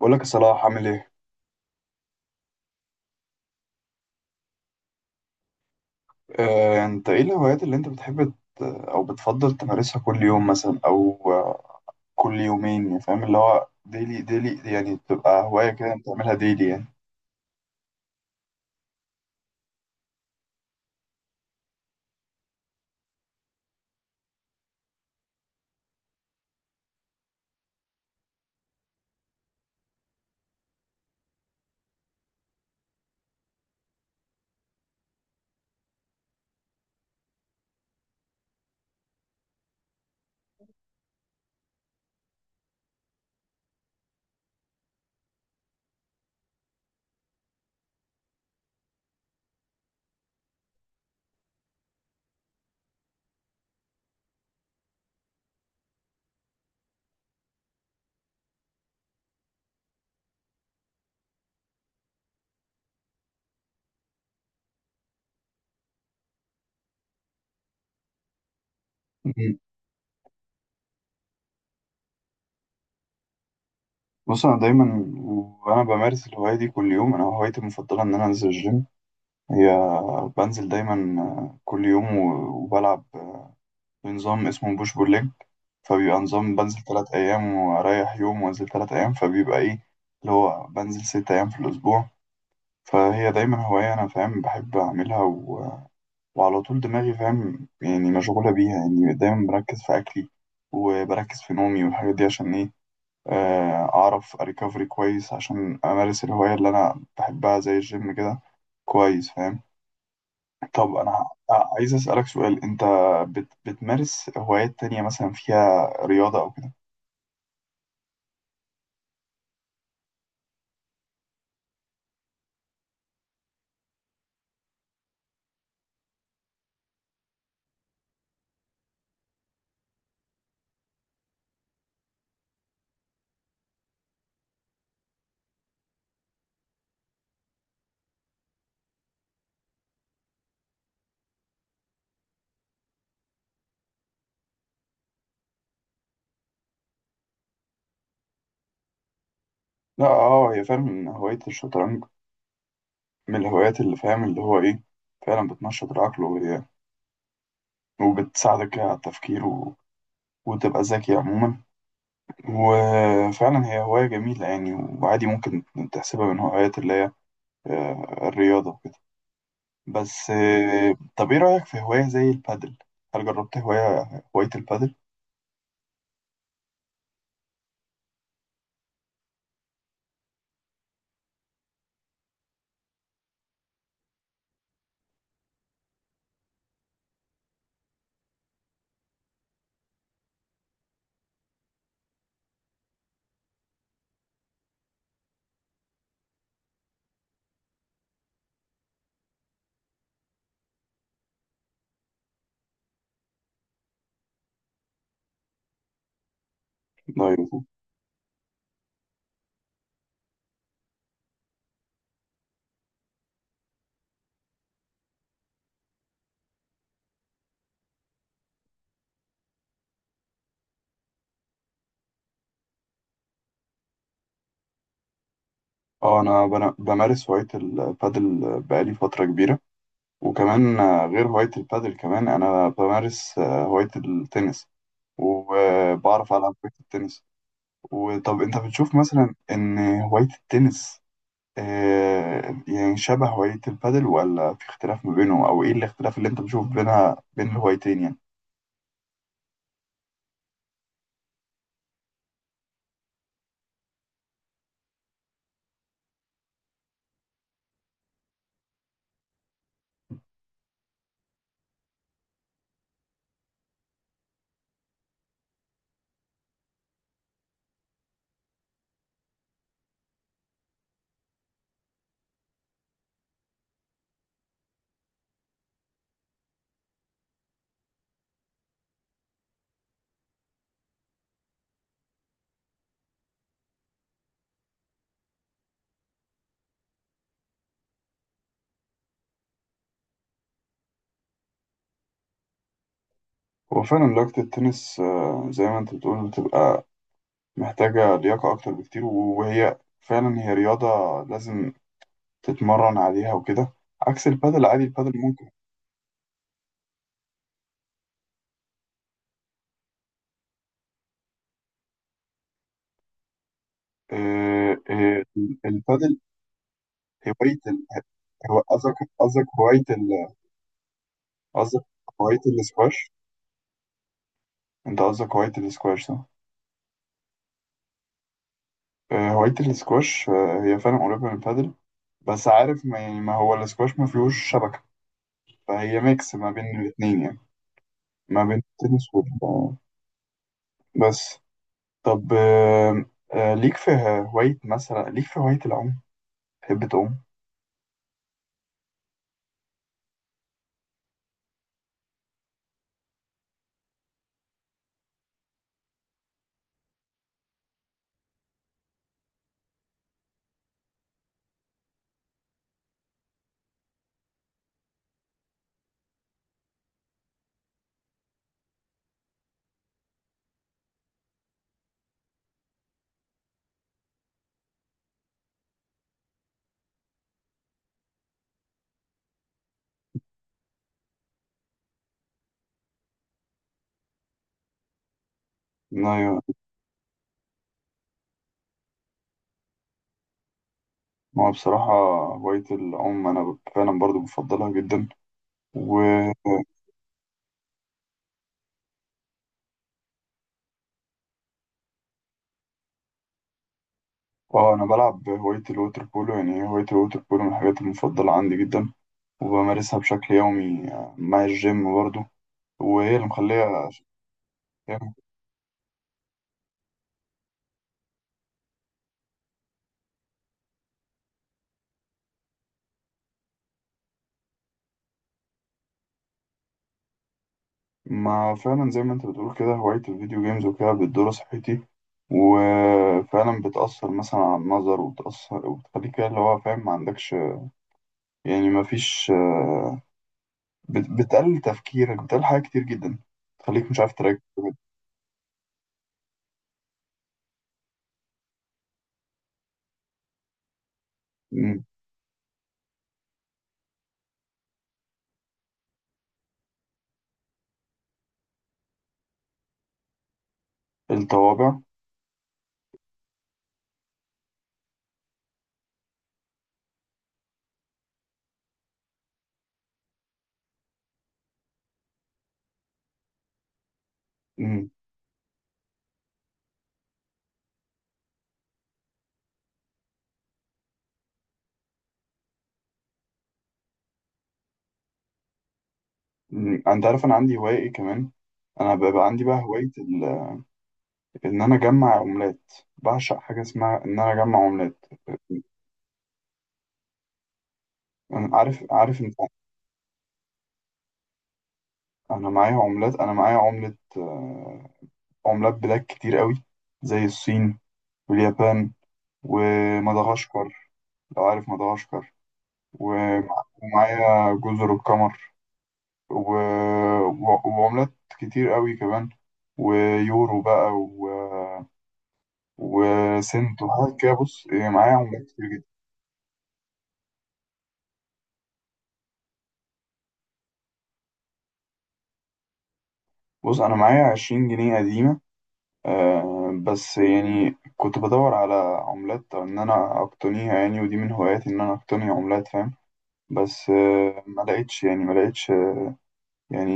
بقول لك يا صلاح، عامل ايه؟ انت ايه الهوايات اللي انت بتحب او بتفضل تمارسها كل يوم مثلا او كل يومين؟ يعني فاهم اللي هو ديلي ديلي، يعني تبقى هواية كده انت تعملها ديلي يعني. مم. بص، انا دايما وانا بمارس الهواية دي كل يوم، انا هوايتي المفضلة ان انا انزل الجيم. هي بنزل دايما كل يوم وبلعب بنظام اسمه بوش بول ليج، فبيبقى نظام بنزل 3 ايام واريح يوم وانزل 3 ايام، فبيبقى ايه اللي هو بنزل 6 ايام في الاسبوع. فهي دايما هواية أنا فاهم بحب أعملها، وعلى طول دماغي فاهم يعني مشغولة بيها، يعني دايما بركز في أكلي وبركز في نومي والحاجات دي عشان إيه؟ أعرف أريكفري كويس عشان أمارس الهواية اللي أنا بحبها زي الجيم كده، كويس فاهم. طب أنا عايز أسألك سؤال، أنت بتمارس هوايات تانية مثلا فيها رياضة أو كده؟ لا، هي فعلا إن هواية الشطرنج من الهوايات اللي فاهم اللي هو إيه، فعلا بتنشط العقل، وبتساعدك على التفكير وتبقى ذكي عموما. وفعلا هي هواية جميلة يعني، وعادي ممكن تحسبها من هوايات اللي هي الرياضة وكده. بس، طب ايه رأيك في هواية زي البادل؟ هل جربت هواية البادل؟ لا يوجد. اه انا بمارس هواية البادل بقالي فترة كبيرة، وكمان غير هواية البادل كمان انا بمارس هواية التنس، وبعرف ألعب هواية التنس. وطب انت بتشوف مثلا ان هواية التنس يعني شبه هواية البادل ولا في اختلاف ما بينهم، أو إيه الاختلاف اللي أنت بتشوف بينها بين الهوايتين يعني؟ هو فعلا لياقة التنس زي ما أنت بتقول بتبقى محتاجة لياقة أكتر بكتير، وهي فعلا هي رياضة لازم تتمرن عليها وكده، عكس البادل، عادي البادل ممكن. آه، آه، البادل هواية ال- هو قصدك قصدك هواية الاسكواش، أنت قصدك هواية الاسكواش صح؟ هواية الاسكواش هي فعلا قريبة من البادل، بس عارف ما, يعني ما هو الاسكواش ما فيهوش شبكة، فهي ميكس ما بين الاتنين يعني، ما بين التنس وال، بس. طب، آه، ليك في ليك في هواية العوم، تحب تعوم؟ لا، ما هو بصراحة هواية العوم أنا فعلا برضو بفضلها جدا، و اه أنا بلعب هواية الووتر بولو، يعني هواية الووتر بولو من الحاجات المفضلة عندي جدا، وبمارسها بشكل يومي مع الجيم برضو، وهي اللي مخلية. يعني، ما فعلا زي ما انت بتقول كده، هواية الفيديو جيمز وكده بتضر صحتي، وفعلا بتأثر مثلا على النظر، وبتأثر وبتخليك كده اللي هو فاهم ما عندكش، يعني ما فيش بتقلل تفكيرك، بتقلل حاجات كتير جدا، تخليك مش عارف تركز. مم. الطوابع. مم. مم. انت عارف انا عندي هواية ايه كمان؟ انا بيبقى عندي بقى ان انا اجمع عملات، بعشق حاجة اسمها ان انا اجمع عملات. انا عارف انت. انا معايا عملات، انا معايا عملة، عملات بلاد كتير قوي، زي الصين واليابان ومدغشقر، لو عارف مدغشقر، ومعايا جزر القمر و... وعملات كتير قوي كمان، ويورو بقى وسنت وحاجات كده، بص إيه، معايا عملات كتير جدا. بص أنا معايا 20 جنيه قديمة، بس يعني كنت بدور على عملات إن أنا أقتنيها يعني، ودي من هواياتي إن أنا أقتني عملات فاهم، بس ما لقيتش، يعني ما لقيتش يعني.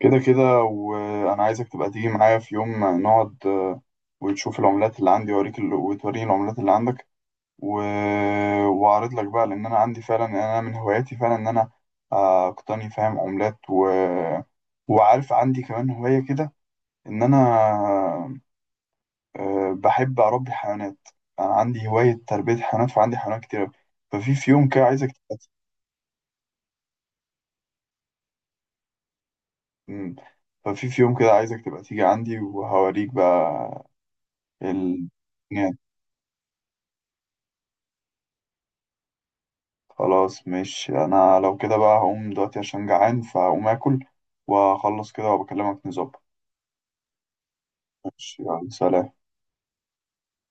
كده كده وانا عايزك تبقى تيجي معايا في يوم نقعد، وتشوف العملات اللي عندي وأوريك وتوريني العملات اللي عندك، و... واعرض لك بقى، لان انا عندي فعلا يعني انا من هواياتي فعلا ان انا اقتني فاهم عملات، وعارف عندي كمان هواية كده ان انا بحب اربي حيوانات، انا عندي هواية تربية حيوانات، فعندي حيوانات كتير. ففي في يوم كده عايزك تبقى. مم. ففي في يوم كده عايزك تبقى تيجي عندي وهوريك بقى ال... خلاص مش، انا لو كده بقى هقوم دلوقتي عشان جعان، فهقوم اكل واخلص كده وبكلمك نظبط. ماشي، يلا، سلام.